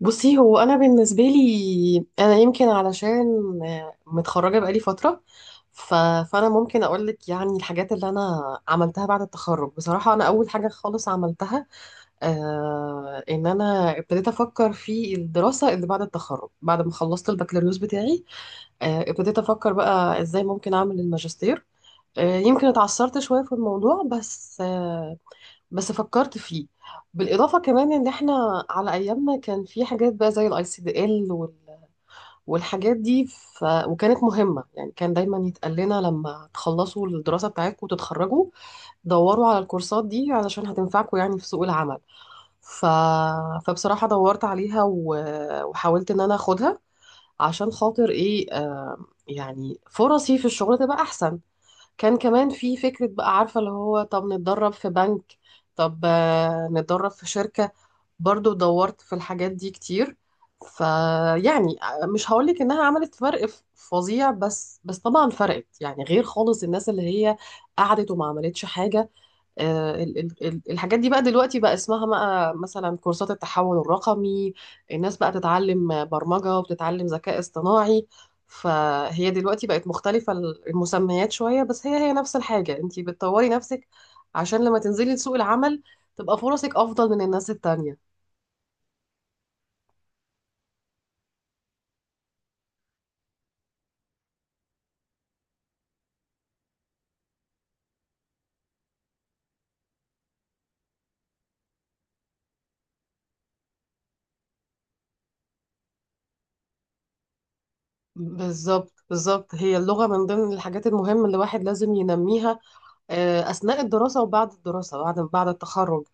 بصي، هو انا بالنسبه لي انا يمكن علشان متخرجه بقالي فتره. ف... فانا ممكن اقول لك يعني الحاجات اللي انا عملتها بعد التخرج. بصراحه انا اول حاجه خالص عملتها، ان انا ابتديت افكر في الدراسه اللي بعد التخرج بعد ما خلصت البكالوريوس بتاعي. ابتديت افكر بقى ازاي ممكن اعمل الماجستير. يمكن اتعثرت شويه في الموضوع، بس فكرت فيه. بالإضافة كمان إن إحنا على أيامنا كان في حاجات بقى زي الأي سي دي إل والحاجات دي، وكانت مهمة. يعني كان دايما يتقال لنا لما تخلصوا الدراسة بتاعتكم وتتخرجوا دوروا على الكورسات دي علشان هتنفعكم يعني في سوق العمل. ف... فبصراحة دورت عليها وحاولت إن أنا أخدها، عشان خاطر إيه، يعني فرصي في الشغل تبقى أحسن. كان كمان في فكرة بقى، عارفة اللي هو طب نتدرب في بنك، طب نتدرب في شركة. برضو دورت في الحاجات دي كتير. فيعني مش هقولك انها عملت فرق فظيع، بس طبعا فرقت، يعني غير خالص الناس اللي هي قعدت وما عملتش حاجة. الحاجات دي بقى دلوقتي بقى اسمها بقى مثلا كورسات التحول الرقمي. الناس بقى تتعلم برمجة وبتتعلم ذكاء اصطناعي. فهي دلوقتي بقت مختلفة المسميات شوية، بس هي نفس الحاجة، انتي بتطوري نفسك عشان لما تنزلي سوق العمل تبقى فرصك أفضل من الناس التانية. بالظبط، بالظبط، هي اللغة من ضمن الحاجات المهمة اللي الواحد لازم ينميها، أثناء الدراسة وبعد الدراسة، بعد التخرج.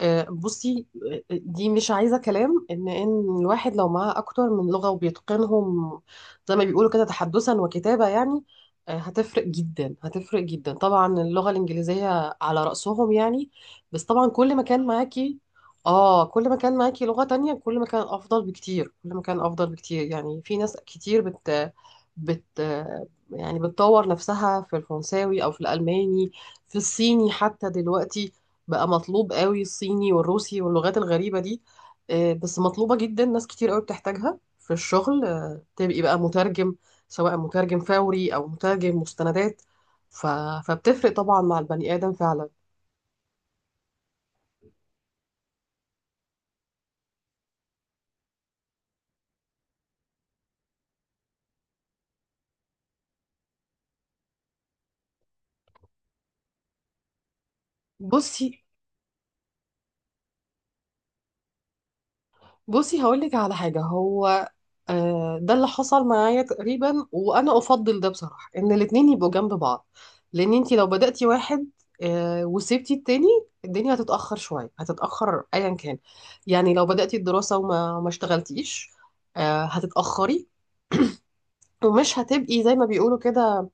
بصي، دي مش عايزة كلام، إن الواحد لو معاه أكتر من لغة وبيتقنهم زي ما بيقولوا كده تحدثا وكتابة يعني، هتفرق جدا، هتفرق جدا. طبعا اللغة الإنجليزية على رأسهم يعني. بس طبعا كل ما كان معاكي لغة تانية، كل ما كان أفضل بكتير، كل ما كان أفضل بكتير. يعني في ناس كتير بت بت يعني بتطور نفسها في الفرنساوي أو في الألماني، في الصيني حتى. دلوقتي بقى مطلوب قوي الصيني والروسي واللغات الغريبة دي، بس مطلوبة جدا. ناس كتير قوي بتحتاجها في الشغل، تبقي بقى مترجم، سواء مترجم فوري أو مترجم مستندات. ف... فبتفرق طبعا مع البني آدم فعلا. بصي، بصي، هقولك على حاجة. هو ده اللي حصل معايا تقريبا، وأنا أفضل ده بصراحة إن الاتنين يبقوا جنب بعض، لأن انتي لو بدأتي واحد وسبتي التاني، الدنيا هتتأخر شوية، هتتأخر أيا كان. يعني لو بدأتي الدراسة وما ما اشتغلتيش، هتتأخري، ومش هتبقي زي ما بيقولوا كده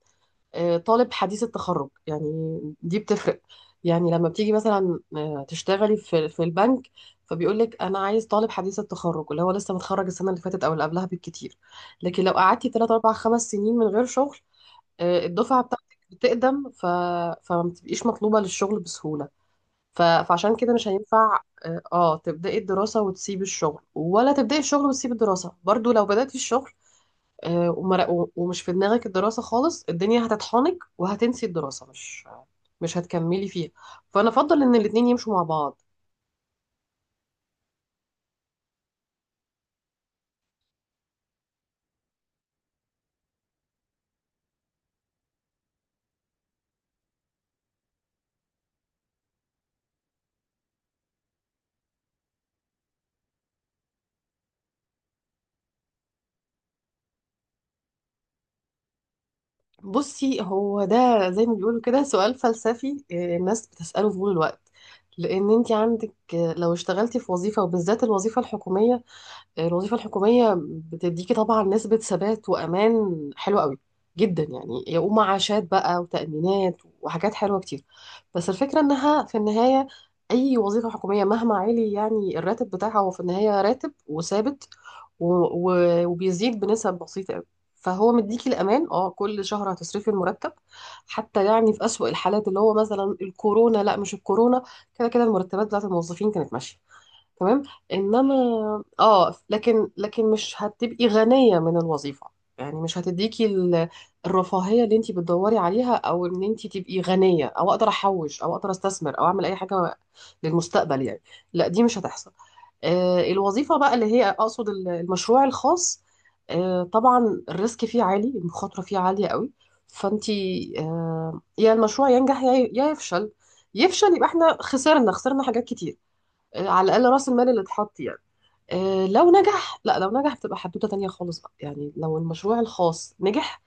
طالب حديث التخرج يعني. دي بتفرق. يعني لما بتيجي مثلا تشتغلي في البنك، فبيقول لك انا عايز طالب حديث التخرج اللي هو لسه متخرج السنه اللي فاتت او اللي قبلها بالكتير، لكن لو قعدتي 3 4 5 سنين من غير شغل، الدفعه بتاعتك بتقدم. فما بتبقيش مطلوبه للشغل بسهوله. فعشان كده مش هينفع تبداي الدراسه وتسيبي الشغل، ولا تبداي الشغل وتسيبي الدراسه. برضو لو بداتي الشغل ومش في دماغك الدراسة خالص، الدنيا هتطحنك وهتنسي الدراسة، مش هتكملي فيها. فأنا أفضل إن الاتنين يمشوا مع بعض. بصي، هو ده زي ما بيقولوا كده سؤال فلسفي، الناس بتسأله في طول الوقت، لأن أنت عندك لو اشتغلتي في وظيفة، وبالذات الوظيفة الحكومية. الوظيفة الحكومية بتديكي طبعا نسبة ثبات وأمان حلوة قوي جدا، يعني ومعاشات بقى وتأمينات وحاجات حلوة كتير. بس الفكرة إنها في النهاية، أي وظيفة حكومية مهما عالي يعني الراتب بتاعها، هو في النهاية راتب وثابت، و... و... وبيزيد بنسب بسيطة قوي. فهو مديكي الأمان، كل شهر هتصرفي المرتب. حتى يعني في أسوأ الحالات، اللي هو مثلا الكورونا، لا مش الكورونا، كده كده المرتبات بتاعت الموظفين كانت ماشية تمام. انما اه لكن مش هتبقي غنية من الوظيفة، يعني مش هتديكي الرفاهية اللي انتي بتدوري عليها، او ان انتي تبقي غنية، او اقدر احوش، او اقدر استثمر، او اعمل اي حاجة للمستقبل يعني. لا، دي مش هتحصل. الوظيفة بقى، اللي هي اقصد المشروع الخاص، طبعا الريسك فيه عالي، المخاطرة فيه عالية قوي. فانتي يا المشروع ينجح، يا يفشل. يفشل يبقى احنا خسرنا، خسرنا حاجات كتير، على الاقل راس المال اللي اتحط يعني. لو نجح، لا لو نجح بتبقى حدوته تانية خالص بقى، يعني لو المشروع الخاص نجح،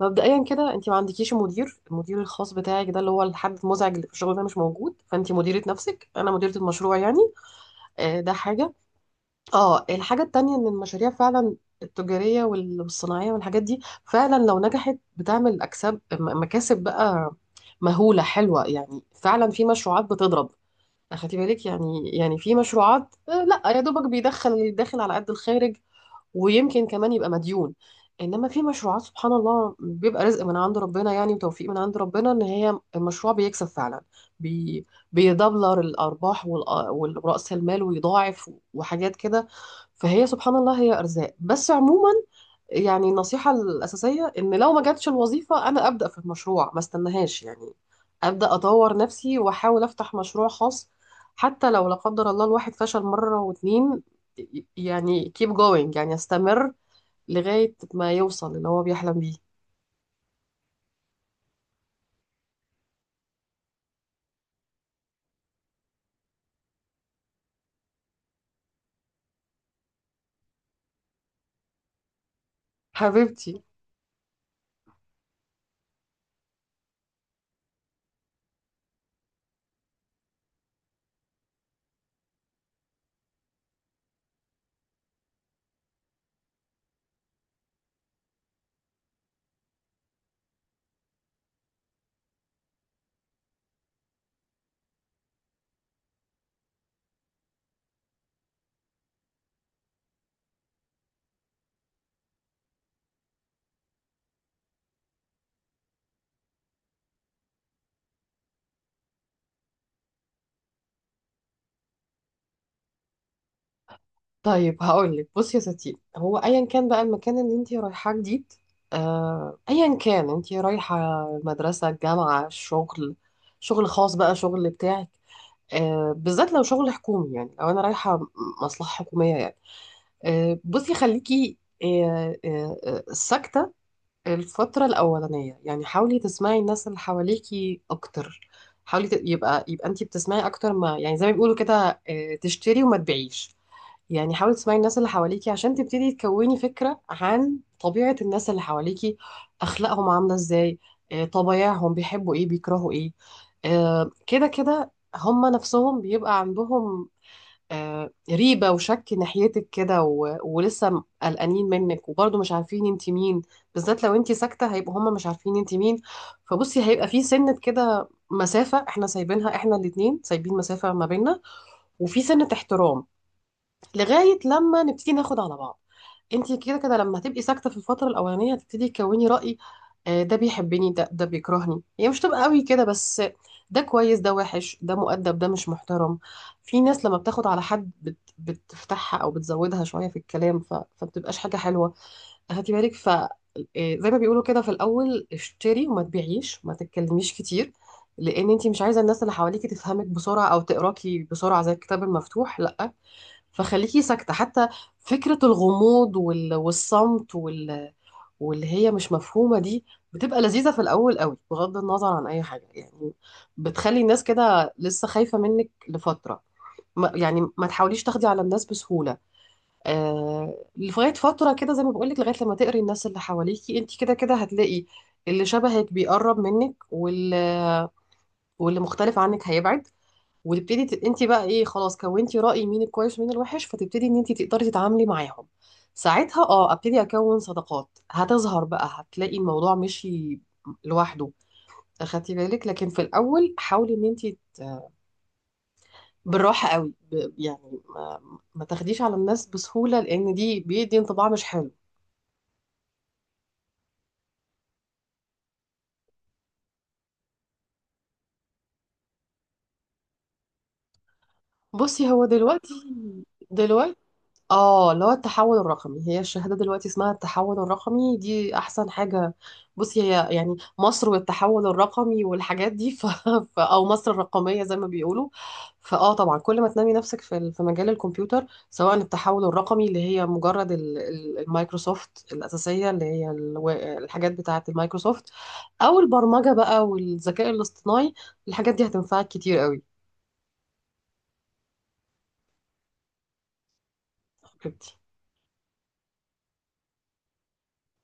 مبدئيا كده انت ما عندكيش مدير. المدير الخاص بتاعك ده اللي هو الحد المزعج اللي في الشغل، ده مش موجود. فانت مديرة نفسك، انا مديرة المشروع يعني. ده حاجة. اه الحاجة التانية ان المشاريع فعلا التجارية والصناعية والحاجات دي، فعلا لو نجحت بتعمل اكساب مكاسب بقى مهولة حلوة. يعني فعلا في مشروعات بتضرب، خدي بالك يعني في مشروعات لا يا دوبك بيدخل، الداخل على قد الخارج، ويمكن كمان يبقى مديون. انما في مشروعات سبحان الله بيبقى رزق من عند ربنا يعني، وتوفيق من عند ربنا، ان هي المشروع بيكسب فعلا، بي بيدبلر الارباح والرأس المال، ويضاعف وحاجات كده. فهي سبحان الله هي ارزاق. بس عموما يعني النصيحة الأساسية إن لو ما جاتش الوظيفة، أنا أبدأ في المشروع، ما استناهاش يعني. أبدأ أطور نفسي وأحاول أفتح مشروع خاص، حتى لو لا قدر الله الواحد فشل مرة واتنين، يعني keep going، يعني استمر لغاية ما يوصل اللي هو بيحلم بيه. حبيبتي. طيب هقولك، بصي يا ستي، هو أيا كان بقى المكان اللي انتي رايحاه جديد، أيا كان انتي رايحة: المدرسة، الجامعة، الشغل، شغل خاص بقى، شغل بتاعك، بالذات لو شغل حكومي، يعني لو انا رايحه مصلحه حكوميه يعني. بصي، خليكي ساكته. الفتره الاولانيه يعني حاولي تسمعي الناس اللي حواليكي اكتر. حاولي ت- يبقى يبقى انت بتسمعي اكتر، ما يعني زي ما بيقولوا كده، تشتري وما تبيعيش. يعني حاولي تسمعي الناس اللي حواليكي عشان تبتدي تكوني فكرة عن طبيعة الناس اللي حواليكي، أخلاقهم عاملة إزاي، طبايعهم بيحبوا إيه بيكرهوا إيه. كده كده، هما نفسهم بيبقى عندهم ريبة وشك ناحيتك كده، ولسه قلقانين منك، وبرضه مش عارفين انت مين. بالذات لو انت ساكتة هيبقوا هما مش عارفين انت مين. فبصي هيبقى في سنة كده مسافة احنا سايبينها، احنا الاتنين سايبين مسافة ما بيننا، وفي سنة احترام، لغايه لما نبتدي ناخد على بعض. انت كده كده لما هتبقي ساكته في الفتره الاولانيه هتبتدي تكوني راي: ده بيحبني، ده بيكرهني. هي مش تبقى قوي كده بس، ده كويس، ده وحش، ده مؤدب، ده مش محترم. في ناس لما بتاخد على حد بتفتحها او بتزودها شويه في الكلام، فبتبقاش حاجه حلوه. هاتي بالك. ف آه، زي ما بيقولوا كده في الاول اشتري وما تبيعيش وما تتكلميش كتير، لان انت مش عايزه الناس اللي حواليكي تفهمك بسرعه او تقراكي بسرعه زي الكتاب المفتوح، لا. فخليكي ساكتة حتى. فكرة الغموض والصمت واللي هي مش مفهومة دي، بتبقى لذيذة في الأول قوي بغض النظر عن أي حاجة يعني. بتخلي الناس كده لسه خايفة منك لفترة ما. يعني ما تحاوليش تاخدي على الناس بسهولة، لغاية فترة كده، زي ما بقولك لغاية لما تقري الناس اللي حواليكي. انت كده كده هتلاقي اللي شبهك بيقرب منك، واللي مختلف عنك هيبعد، وتبتدي انت بقى ايه، خلاص كونتي رأي مين الكويس ومين الوحش، فتبتدي ان انت تقدري تتعاملي معاهم. ساعتها ابتدي اكون صداقات، هتظهر بقى، هتلاقي الموضوع مشي لوحده. اخدتي بالك؟ لكن في الاول حاولي ان انت بالراحة قوي، يعني ما تاخديش على الناس بسهولة، لان دي بيدي انطباع مش حلو. بصي، هو دلوقتي اللي هو التحول الرقمي، هي الشهادة دلوقتي اسمها التحول الرقمي، دي أحسن حاجة. بصي، هي يعني مصر والتحول الرقمي والحاجات دي أو مصر الرقمية زي ما بيقولوا. فاه طبعا كل ما تنمي نفسك في مجال الكمبيوتر، سواء التحول الرقمي اللي هي مجرد المايكروسوفت الأساسية، اللي هي الحاجات بتاعة المايكروسوفت، أو البرمجة بقى والذكاء الاصطناعي. الحاجات دي هتنفعك كتير قوي.